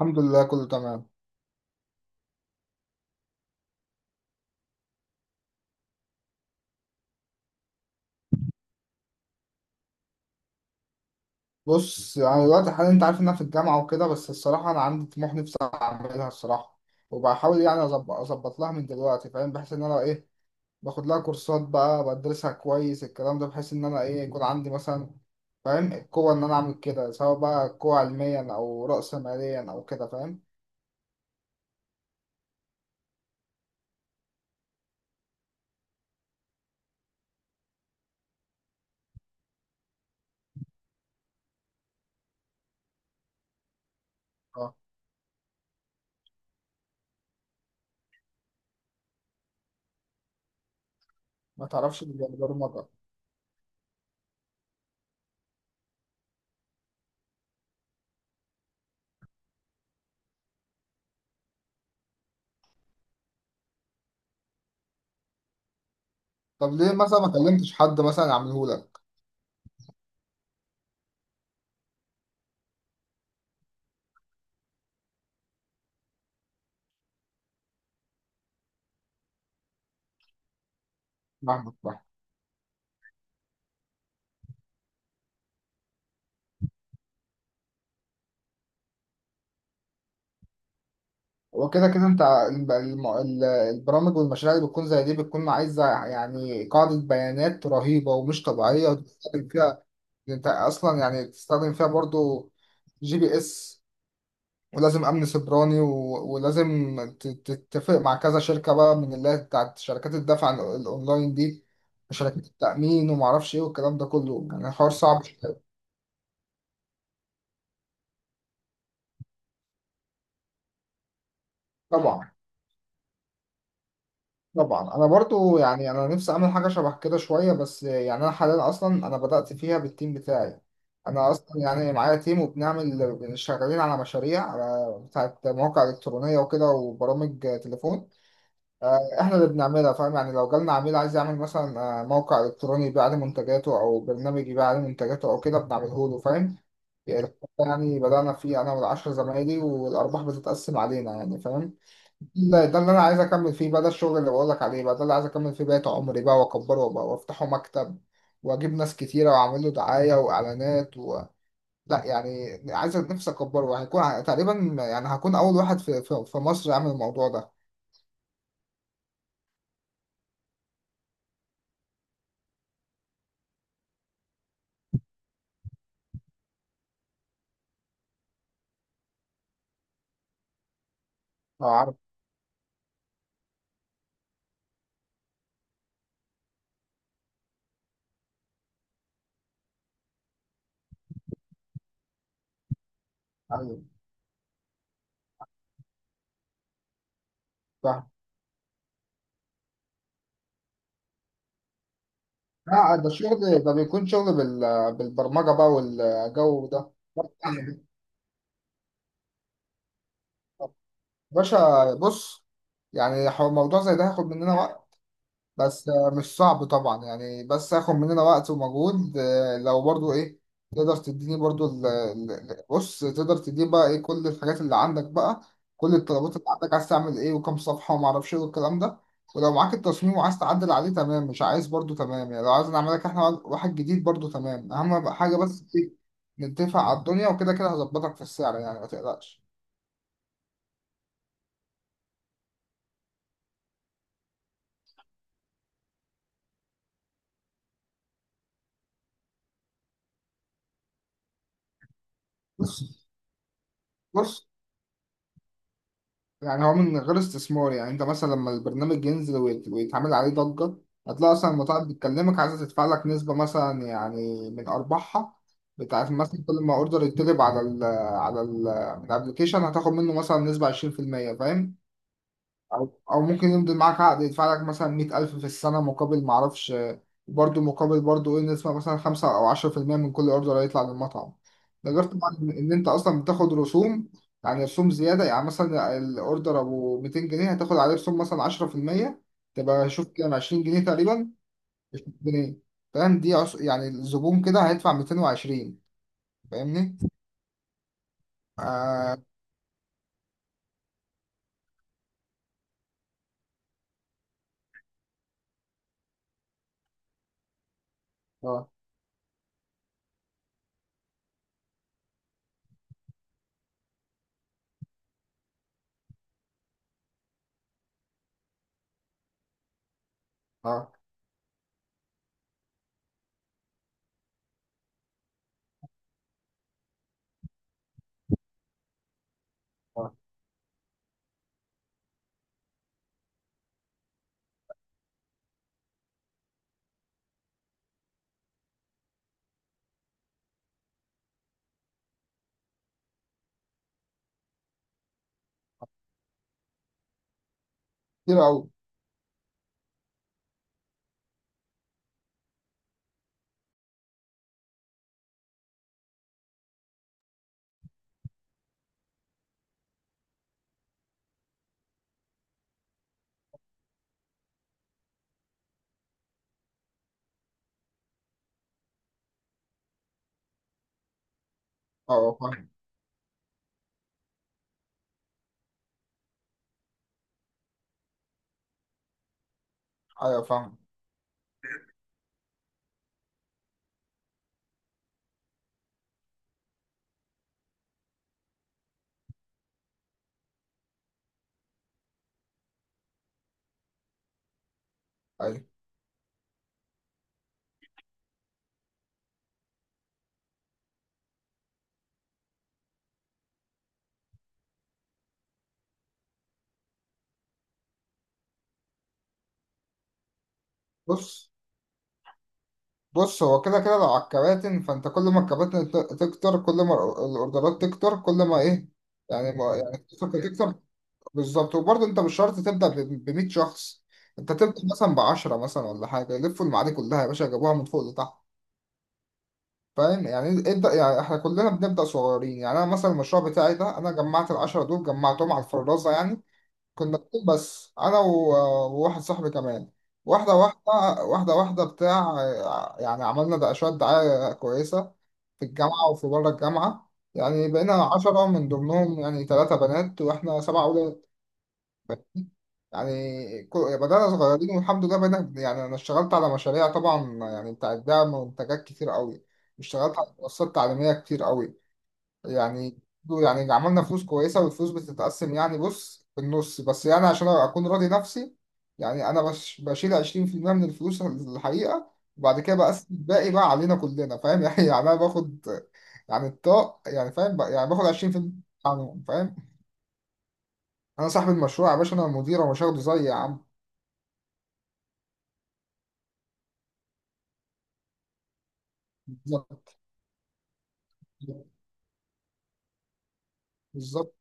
الحمد لله كله تمام. بص، انا دلوقتي حاليا انت عارف ان انا في الجامعه وكده، بس الصراحه انا عندي طموح نفسي اعملها الصراحه، وبحاول يعني اظبط لها من دلوقتي، فاهم؟ بحيث ان انا باخد لها كورسات بقى بدرسها كويس الكلام ده، بحيث ان انا يكون عندي مثلا فاهم القوه ان انا اعمل كده، سواء بقى قوه علميا او راس ماليا او كده، فاهم؟ اه ما تعرفش البرمجه. طب ليه مثلا ما كلمتش حد مثلا يعمله لك؟ فاهمك. وكده كده انت البرامج والمشاريع اللي بتكون زي دي بتكون عايزه يعني قاعده بيانات رهيبه ومش طبيعيه، وتستخدم فيها، انت اصلا يعني تستخدم فيها برضو جي بي اس، ولازم امن سيبراني ولازم تتفق مع كذا شركه بقى، من اللي هي بتاعت شركات الدفع الاونلاين دي، وشركات التامين ومعرفش ايه والكلام ده كله، يعني الحوار صعب شوية. طبعا طبعا انا برضو يعني انا نفسي اعمل حاجه شبه كده شويه، بس يعني انا حاليا اصلا انا بدات فيها بالتيم بتاعي. انا اصلا يعني معايا تيم، وبنعمل شغالين على مشاريع على بتاعت مواقع الكترونيه وكده وبرامج تليفون. احنا اللي بنعملها فاهم، يعني لو جالنا عميل عايز يعمل مثلا موقع الكتروني يبيع عليه منتجاته، او برنامج يبيع عليه منتجاته او كده بنعمله له فاهم. يعني بدانا فيه انا والعشر زمايلي، والارباح بتتقسم علينا يعني، فاهم؟ لا، ده اللي انا عايز اكمل فيه بقى، ده الشغل اللي بقول لك عليه بقى، ده اللي عايز اكمل فيه بقية عمري بقى، واكبره بقى وافتحه مكتب، واجيب ناس كتيره واعمل له دعايه واعلانات لا يعني عايز نفسي اكبره، وهيكون تقريبا يعني هكون اول واحد في مصر يعمل الموضوع ده. لو عارف. ايوه فاهم. لا، ده الشغل ده بيكون شغل بالبرمجه بقى والجو ده. باشا، بص، يعني موضوع زي ده هياخد مننا وقت، بس مش صعب طبعا، يعني بس هاخد مننا وقت ومجهود. لو برضو ايه، تقدر تديني برضو بص، تقدر تديني بقى ايه كل الحاجات اللي عندك بقى، كل الطلبات اللي عندك، عايز تعمل ايه، وكم صفحة وما اعرفش ايه والكلام ده. ولو معاك التصميم وعايز تعدل عليه، تمام؛ مش عايز برضو تمام، يعني لو عايز نعمل لك احنا واحد جديد، برضو تمام. اهم حاجة بس إيه؟ نتفق على الدنيا، وكده كده هظبطك في السعر، يعني ما تقلقش. بص بص، يعني هو من غير استثمار، يعني انت مثلا لما البرنامج ينزل ويتعمل عليه ضجة، هتلاقي اصلا المطاعم بتكلمك عايزة تدفع لك نسبة مثلا، يعني من ارباحها، بتاعت مثلا كل ما اوردر يطلب على ال على ال من الابلكيشن، هتاخد منه مثلا نسبة 20%، فاهم؟ أو ممكن يمضي معاك عقد يدفع لك مثلا 100,000 في السنة، مقابل معرفش، برضه مقابل برضه إيه، نسمة مثلا خمسة أو 10% من كل أوردر هيطلع للمطعم. ده غير طبعا إن أنت أصلا بتاخد رسوم، يعني رسوم زيادة، يعني مثلا الأوردر أبو 200 جنيه هتاخد عليه رسوم مثلا 10%، تبقى شوف كام، 20 جنيه تقريبا. 20 جنيه. فاهم؟ دي يعني الزبون كده هيدفع 220. فاهمني؟ آه. آه. آه. آه. كتير أوي. أه آه، فاهم. أيوه فاهم. أيوه. بص بص، هو كده كده لو على الكباتن، فانت كل ما الكباتن تكتر، كل ما الاوردرات تكتر، كل ما ايه، يعني ما يعني الصفقه تكتر. بالظبط. وبرضه انت مش شرط تبدا ب 100 شخص، انت تبدا مثلا ب 10 مثلا، ولا حاجه، يلفوا المعادي كلها يا باشا، جابوها من فوق لتحت. فاهم؟ يعني ابدا، يعني احنا كلنا بنبدا صغيرين، يعني انا مثلا المشروع بتاعي ده، انا جمعت ال 10 دول جمعتهم على الفرازه يعني. كنا اتنين بس، انا وواحد صاحبي كمان. واحده واحده، واحده واحده بتاع، يعني عملنا ده شويه دعايه كويسه في الجامعه وفي بره الجامعه، يعني بقينا عشرة، من ضمنهم يعني ثلاثة بنات واحنا سبعة أولاد. يعني يعني بدأنا صغيرين، والحمد لله بقينا يعني، أنا اشتغلت على مشاريع طبعا، يعني بتاعت دعم منتجات كتير قوي، واشتغلت على منصات تعليمية كتير قوي يعني. يعني عملنا فلوس كويسة، والفلوس بتتقسم يعني، بص، بالنص، بس يعني عشان أكون راضي نفسي، يعني أنا بشيل 20% من الفلوس الحقيقة، وبعد كده بقسم الباقي بقى علينا كلنا، فاهم؟ يعني، يعني أنا باخد يعني الطاق يعني، فاهم يعني باخد 20% عنهم، فاهم؟ أنا صاحب المشروع يا باشا، أنا المدير، ومش هاخده زيي يا عم. بالظبط. بالظبط.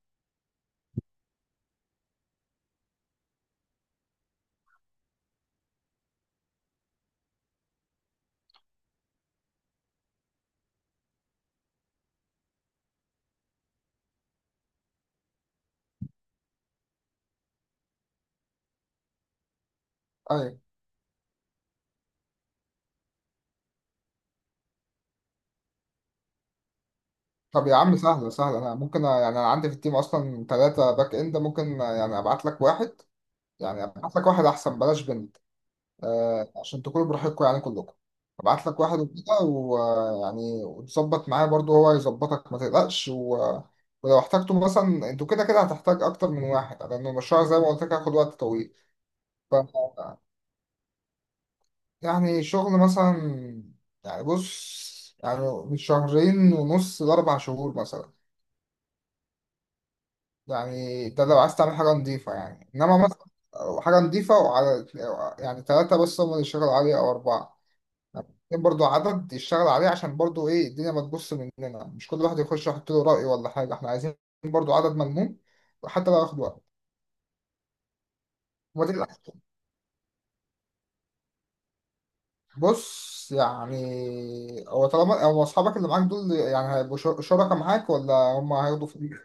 أيوه. طب يا عم سهلة سهلة، أنا ممكن يعني أنا عندي في التيم أصلا ثلاثة باك إند، ممكن يعني أبعت لك واحد، يعني أبعت لك واحد، أحسن بلاش بنت، عشان تكونوا براحتكم يعني كلكم. ابعت لك واحد وكده، ويعني وتظبط معاه، برضو هو يظبطك ما تقلقش ولو احتجتوا مثلا، انتوا كده كده هتحتاج اكتر من واحد، لان المشروع زي ما قلت لك هياخد وقت طويل. ف يعني شغل مثلا، يعني بص يعني، من شهرين ونص لاربع شهور مثلا. يعني ده لو عايز تعمل حاجه نظيفه، يعني انما مثلا حاجه نظيفه وعلى، يعني ثلاثه بس هم اللي يشتغلوا عليها او اربعه، برضه عدد يشتغل عليه، عشان برضه ايه الدنيا ما تبص مننا، مش كل واحد يخش يحط له رأي ولا حاجة، احنا عايزين برضه عدد ملموم وحتى لو ياخد وقت. وما تقلقش، بص، يعني هو طالما هو اصحابك اللي معاك دول يعني هيبقوا شركاء معاك، ولا هم هياخدوا فلوس؟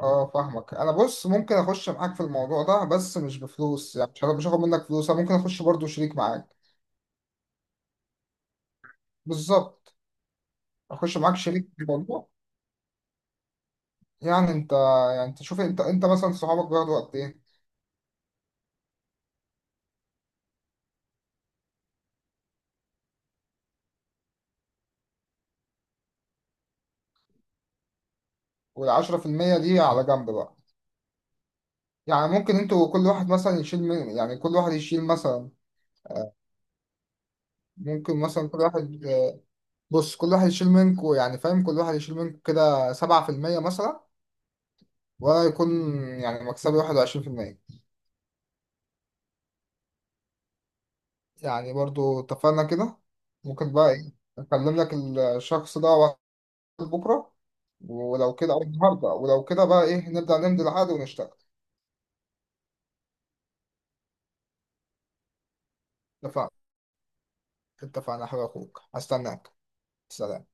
اه فاهمك. انا بص، ممكن اخش معاك في الموضوع ده، بس مش بفلوس، يعني مش هاخد منك فلوس، انا ممكن اخش برضه شريك معاك. بالظبط. اخش معاك شريك في الموضوع. يعني انت يعني انت شوف، انت انت مثلا صحابك بياخدوا وقت ايه، والعشرة في المية دي على جنب بقى، يعني ممكن انتوا كل واحد مثلا يشيل من، يعني كل واحد يشيل مثلا، ممكن مثلا كل واحد، بص كل واحد يشيل منكوا يعني، فاهم، كل واحد يشيل منكوا كده 7% مثلا، ولا يكون يعني مكسبي 21%. يعني برضو اتفقنا كده. ممكن بقى ايه اكلم لك الشخص ده واتساب بكرة، ولو كده او النهاردة، ولو كده بقى ايه نبدأ نمضي العقد ونشتغل. اتفقنا. اتفقنا يا حبيب اخوك، هستناك. سلام.